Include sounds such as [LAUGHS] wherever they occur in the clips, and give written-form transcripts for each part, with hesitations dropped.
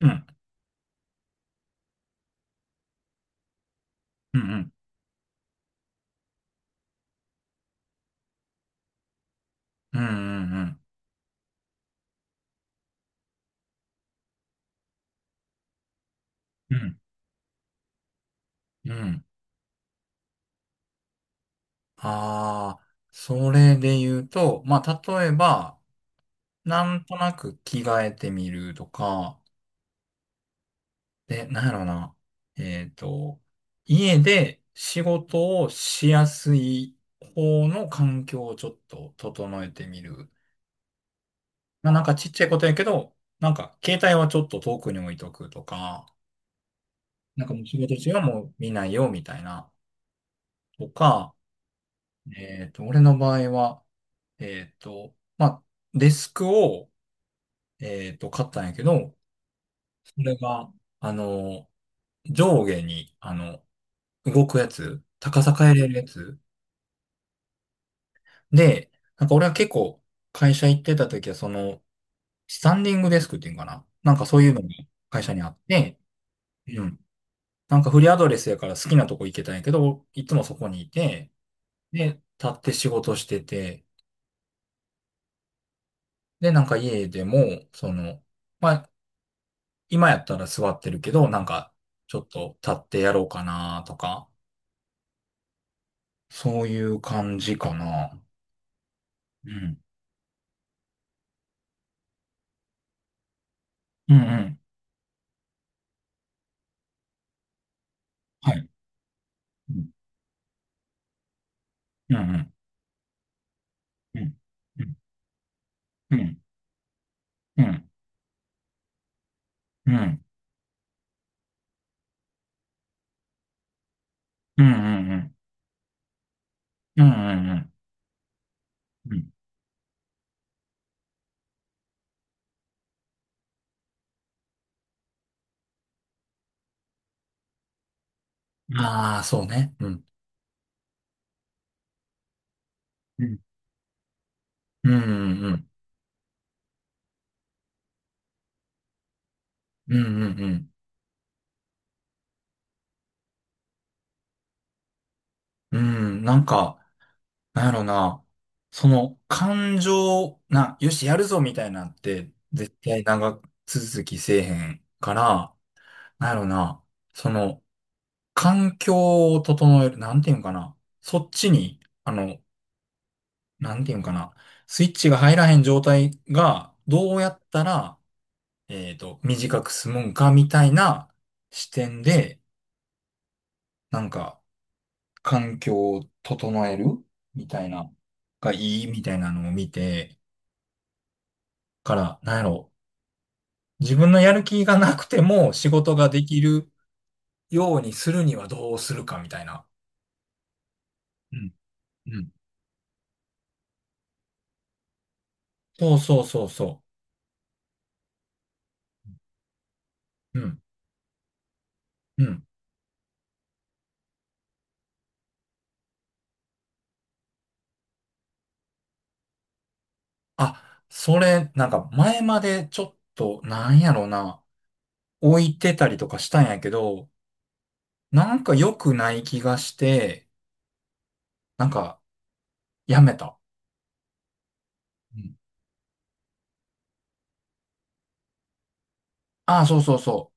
うん、うん、うん、うん、うん、うん。うん。ああ、それで言うと、まあ、例えば、なんとなく着替えてみるとか。で、なんやろな。えっと、家で仕事をしやすい方の環境をちょっと整えてみる。まあ、なんかちっちゃいことやけど、なんか携帯はちょっと遠くに置いとくとか、なんかもう仕事中はもう見ないよみたいな、とか、俺の場合は、まあ、デスクを、買ったんやけど、それが、あの、上下に、動くやつ、高さ変えれるやつ。で、なんか俺は結構、会社行ってた時は、その、スタンディングデスクっていうんかな。なんかそういうのが会社にあって、うん。なんかフリーアドレスやから好きなとこ行けたんやけど、いつもそこにいて、で、立って仕事してて、で、なんか家でも、その、まあ、今やったら座ってるけど、なんか、ちょっと立ってやろうかなとか、そういう感じかな。うん。うんうん。はい。うんうんうん。うん。うん。うん。うん。うん。うん。うん。うん。うんうんああ、そうね。うん。うん。うんうんうん。うんうんうん。なんか、なんやろな。その感情、な、よし、やるぞみたいなんって、絶対長続きせえへんから。なんやろな。その、環境を整える、なんていうんかな。そっちに、なんていうんかな。スイッチが入らへん状態が、どうやったら、短く済むんか、みたいな視点で、なんか、環境を整えるみたいな、がいいみたいなのを見て、から、なんやろ。自分のやる気がなくても仕事ができるようにするにはどうするか、みたいな。うんうんそうそうそうそう。うんうん。あ、それ、なんか前までちょっと、なんやろな、置いてたりとかしたんやけど、なんか良くない気がして、なんかやめた。うん。ああ、そうそうそ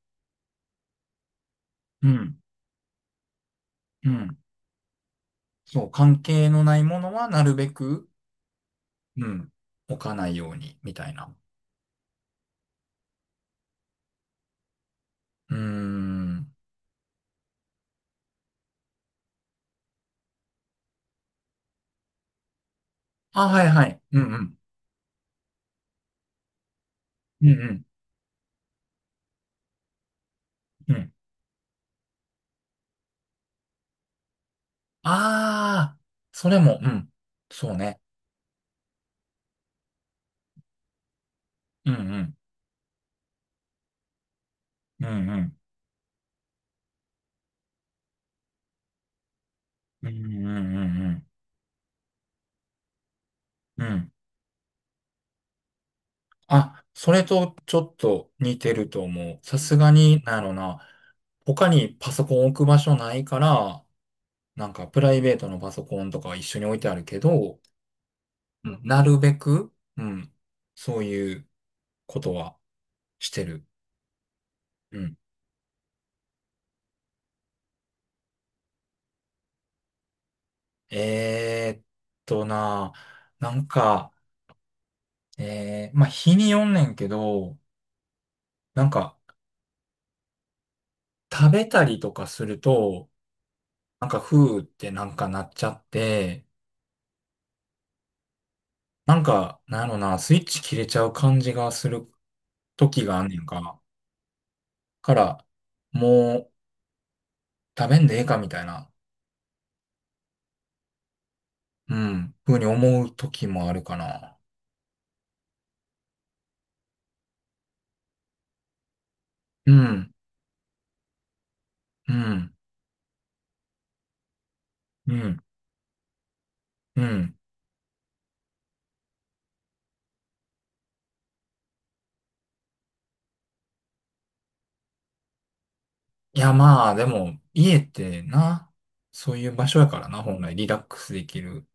う。うん。うん。そう、関係のないものはなるべく、うん、置かないように、みたいな。うーん。あ、はいはい。うんうん。うんうん。うん。ああ、それも、うん。そうね。うんうん。うんうん。うんうんうんうんうん。うんあ、それとちょっと似てると思う。さすがに、なんやろな。他にパソコン置く場所ないから、なんかプライベートのパソコンとかは一緒に置いてあるけど、うん。なるべく、うん、そういうことはしてる。うん。えーっな、なんか、えー、まあ、日によんねんけど、なんか、食べたりとかすると、なんか、ふーってなんかなっちゃって、なんか、なんやろな、スイッチ切れちゃう感じがする時があんねんか。から、もう食べんでええかみたいな、うん、ふうに思う時もあるかな。うん、うん、うん、うん。いや、まあ、でも、家ってな、そういう場所やからな、本来、リラックスできる。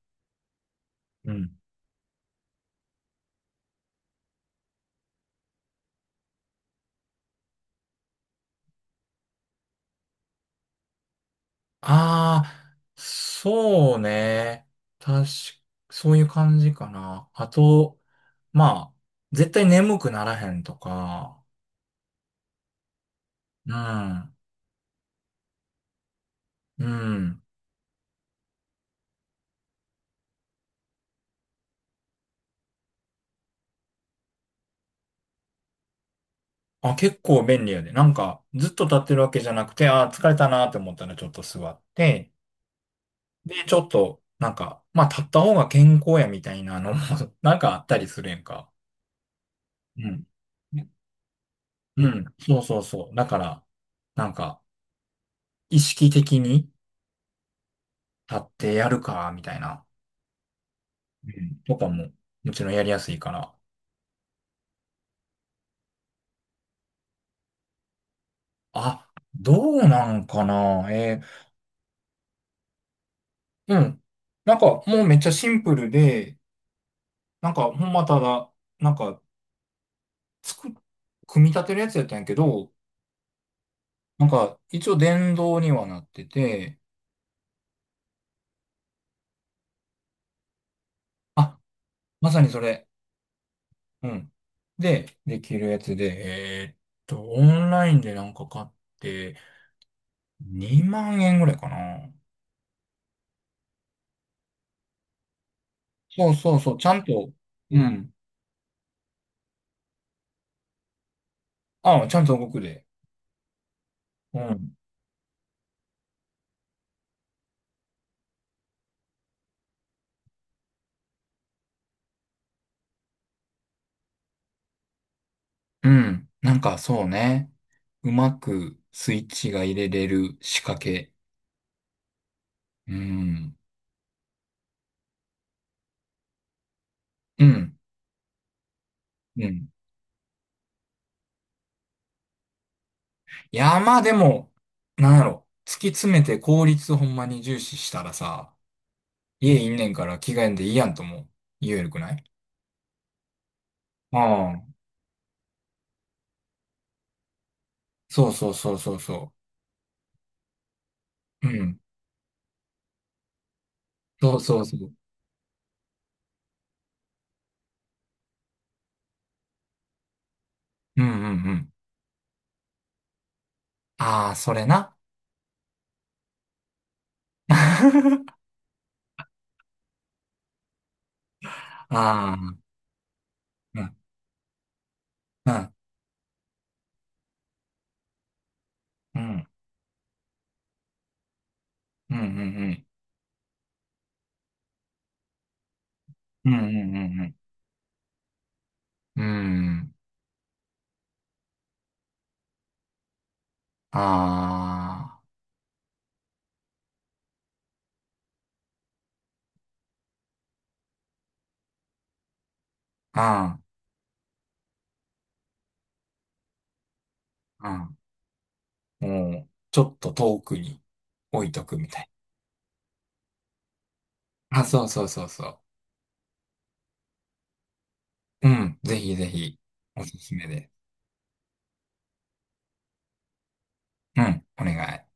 うん。ああ、そうね。確か、そういう感じかな。あと、まあ、絶対眠くならへんとか、うん。うん。あ、結構便利やで。なんか、ずっと立ってるわけじゃなくて、あー、疲れたなって思ったらちょっと座って、で、ちょっと、なんか、まあ、立った方が健康やみたいなのも [LAUGHS] なんかあったりするやんか。うん。うん。そうそうそう。だから、なんか、意識的に立ってやるか、みたいな。うん。とかも、もちろんやりやすいから。あ、どうなんかな。えーうん。なんか、もうめっちゃシンプルで、なんか、ほんまただ、なんか、つく、組み立てるやつやったんやけど、なんか、一応電動にはなってて、あ、まさにそれ。うん。で、できるやつで、えーっオンラインでなんか買って、2万円ぐらいかな。そうそうそう、ちゃんと、うん。あ、ちゃんと動くで。うん。うん。なんか、そうね。うまくスイッチが入れれる仕掛け。うん。うん。うん。いや、まあでも、なんやろ。突き詰めて効率ほんまに重視したらさ、家いんねんから着替えんでいいやんとも言えるくないああ、そうそうそうそうそう。うん。そうそうそう。うんうんうん。ああ、それな。[LAUGHS] ああ、うん、うん、うん、うん、うん、うん、うん、うん、うん。うんああ、うん、うん。もう、ちょっと遠くに置いとくみたいな。あ、そうそうそうそう。うん、ぜひぜひ、おすすめです。うん、お願い。